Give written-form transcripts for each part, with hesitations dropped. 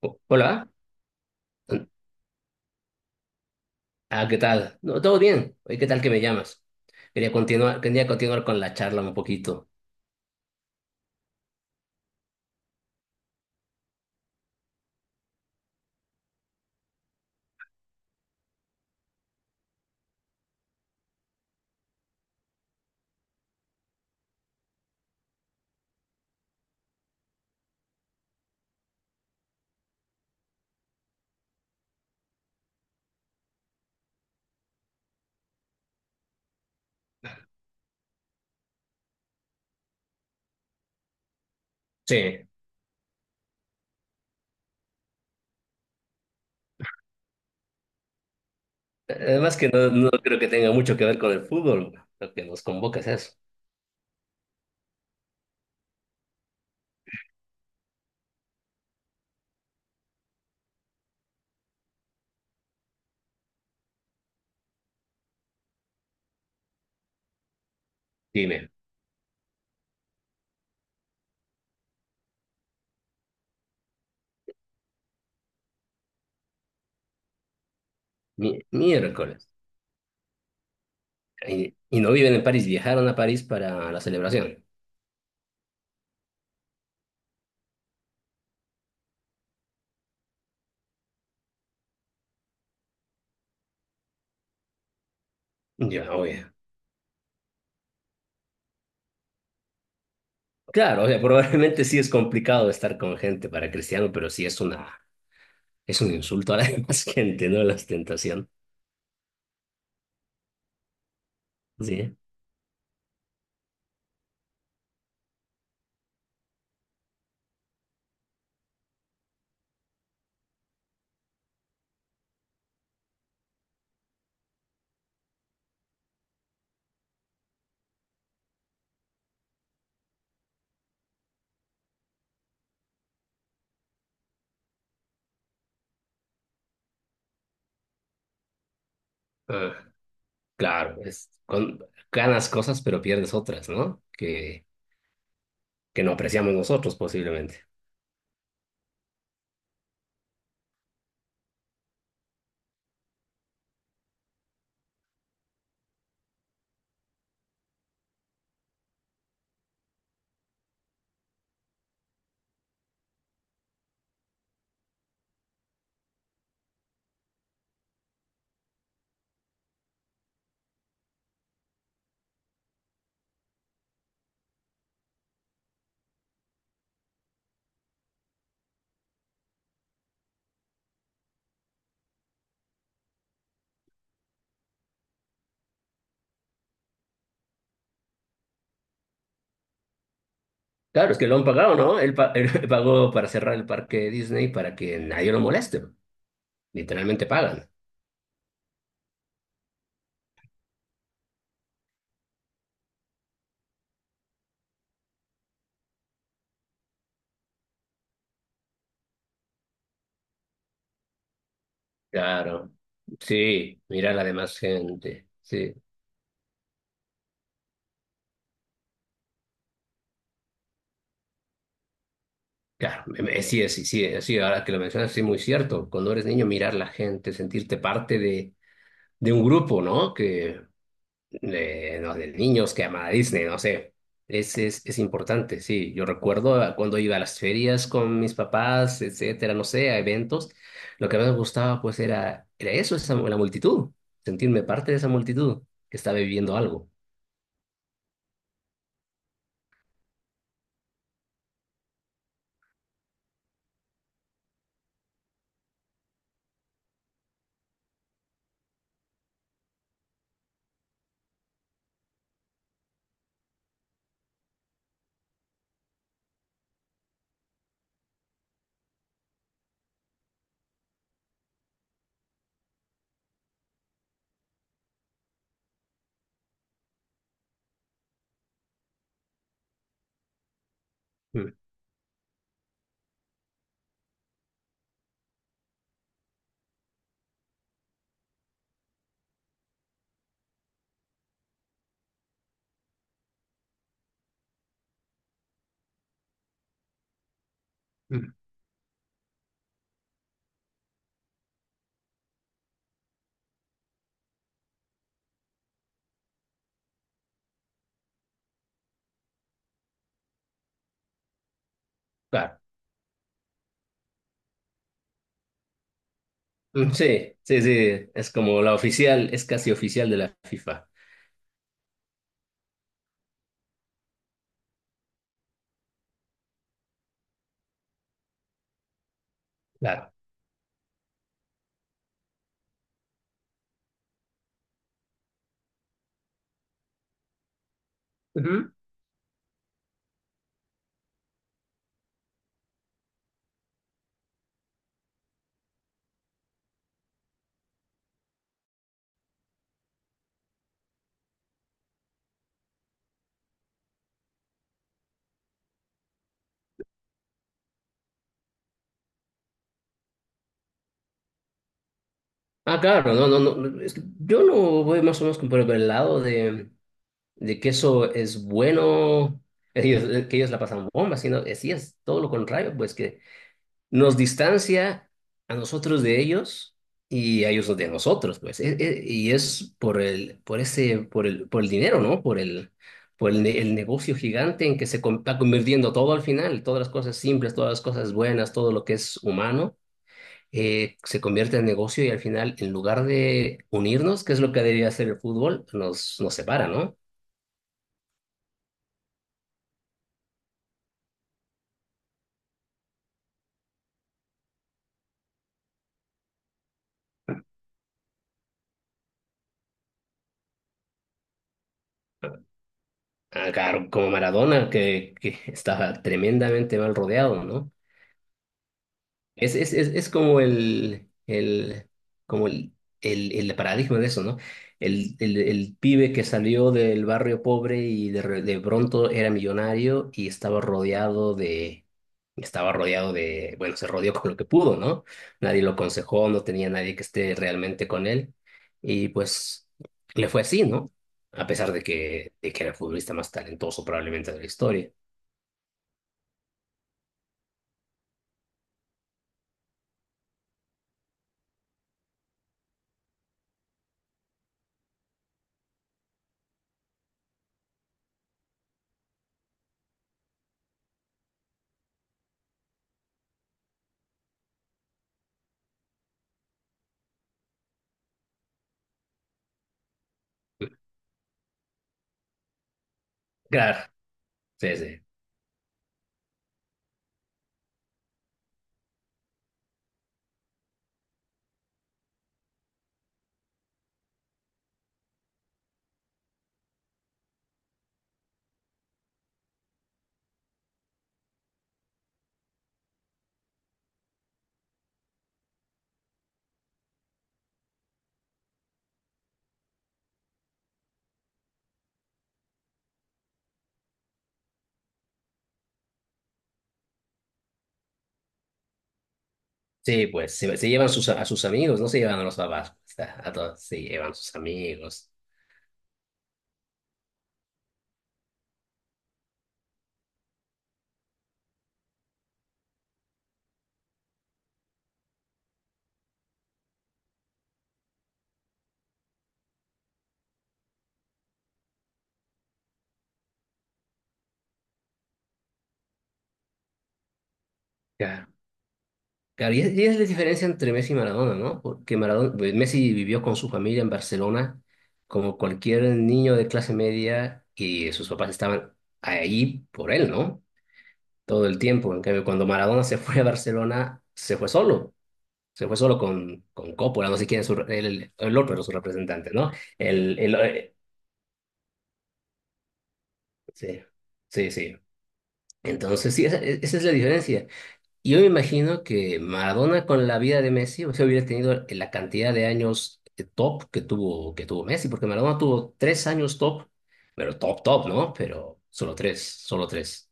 Hola, ¿qué tal? No, todo bien. Oye, ¿qué tal que me llamas? Quería continuar con la charla un poquito. Sí. Además que no creo que tenga mucho que ver con el fútbol. Lo que nos convoca es eso. Dime, miércoles. Y no viven en París, viajaron a París para la celebración. Ya, oye. Claro, o sea, probablemente sí es complicado estar con gente para Cristiano, pero sí es un insulto a la demás gente, ¿no? La ostentación. Sí. Claro, ganas cosas pero pierdes otras, ¿no? Que no apreciamos nosotros posiblemente. Claro, es que lo han pagado, ¿no? Él, él pagó para cerrar el parque Disney para que nadie lo moleste. Literalmente pagan. Claro. Sí, mira la demás gente. Sí, claro. Sí, sí, sí, sí, ahora que lo mencionas, sí, muy cierto. Cuando eres niño, mirar la gente, sentirte parte de un grupo, ¿no? Que de, no, de niños que aman a Disney, no sé. Es importante, sí. Yo recuerdo a cuando iba a las ferias con mis papás, etcétera, no sé, a eventos. Lo que más me gustaba, pues, era eso, esa, la multitud. Sentirme parte de esa multitud que está viviendo algo. Mm, mm. Claro. Mm. Sí, sí, sí. Es como la oficial, es casi oficial de la FIFA. Claro. Ujú. Ah, claro, no, no, no. Es que yo lo voy más o menos como por el lado de. De que eso es bueno, ellos, que ellos la pasan bomba, sino que sí es todo lo contrario, pues que nos distancia a nosotros de ellos y a ellos de nosotros, pues. Y es por el dinero, ¿no? El negocio gigante en que está convirtiendo todo al final, todas las cosas simples, todas las cosas buenas, todo lo que es humano. Se convierte en negocio y al final, en lugar de unirnos, que es lo que debería hacer el fútbol, nos separa, ¿no? Ah, claro, como Maradona, que estaba tremendamente mal rodeado, ¿no? Es como como el paradigma de eso, ¿no? El pibe que salió del barrio pobre y de pronto era millonario y estaba estaba rodeado de, bueno, se rodeó con lo que pudo, ¿no? Nadie lo aconsejó, no tenía nadie que esté realmente con él y pues le fue así, ¿no? A pesar de de que era el futbolista más talentoso probablemente de la historia. Claro, sí, sí. Sí, pues se llevan sus, a sus amigos, no se llevan a los papás, pues, a todos se llevan sus amigos. Claro. Claro, y es la diferencia entre Messi y Maradona, ¿no? Porque Maradona, pues, Messi vivió con su familia en Barcelona como cualquier niño de clase media y sus papás estaban ahí por él, ¿no? Todo el tiempo. En cambio, cuando Maradona se fue a Barcelona, se fue solo. Se fue solo con Coppola, no sé quién es su el otro, era su representante, ¿no? El, el, eh, sí, sí, sí. Entonces, sí, esa es la diferencia. Y yo me imagino que Maradona con la vida de Messi, o sea, hubiera tenido la cantidad de años top que tuvo Messi, porque Maradona tuvo 3 años top, pero top, top, ¿no? Pero solo 3, solo 3.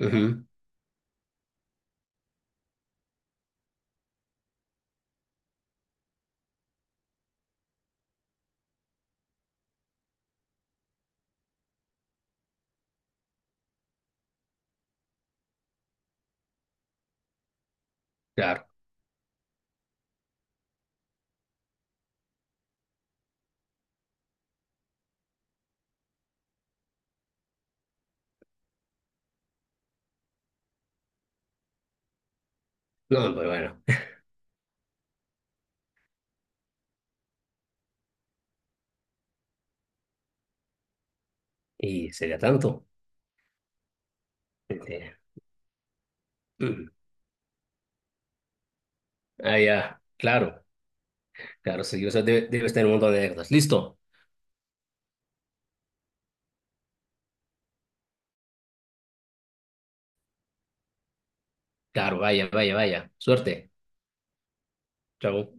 Ujú, claro. No, pero bueno, y sería tanto. Este, mm, ah, ya, claro, claro, sí, o sea, debe estar en un montón de anécdotas. Listo. Claro, vaya, vaya, vaya. Suerte. Chao.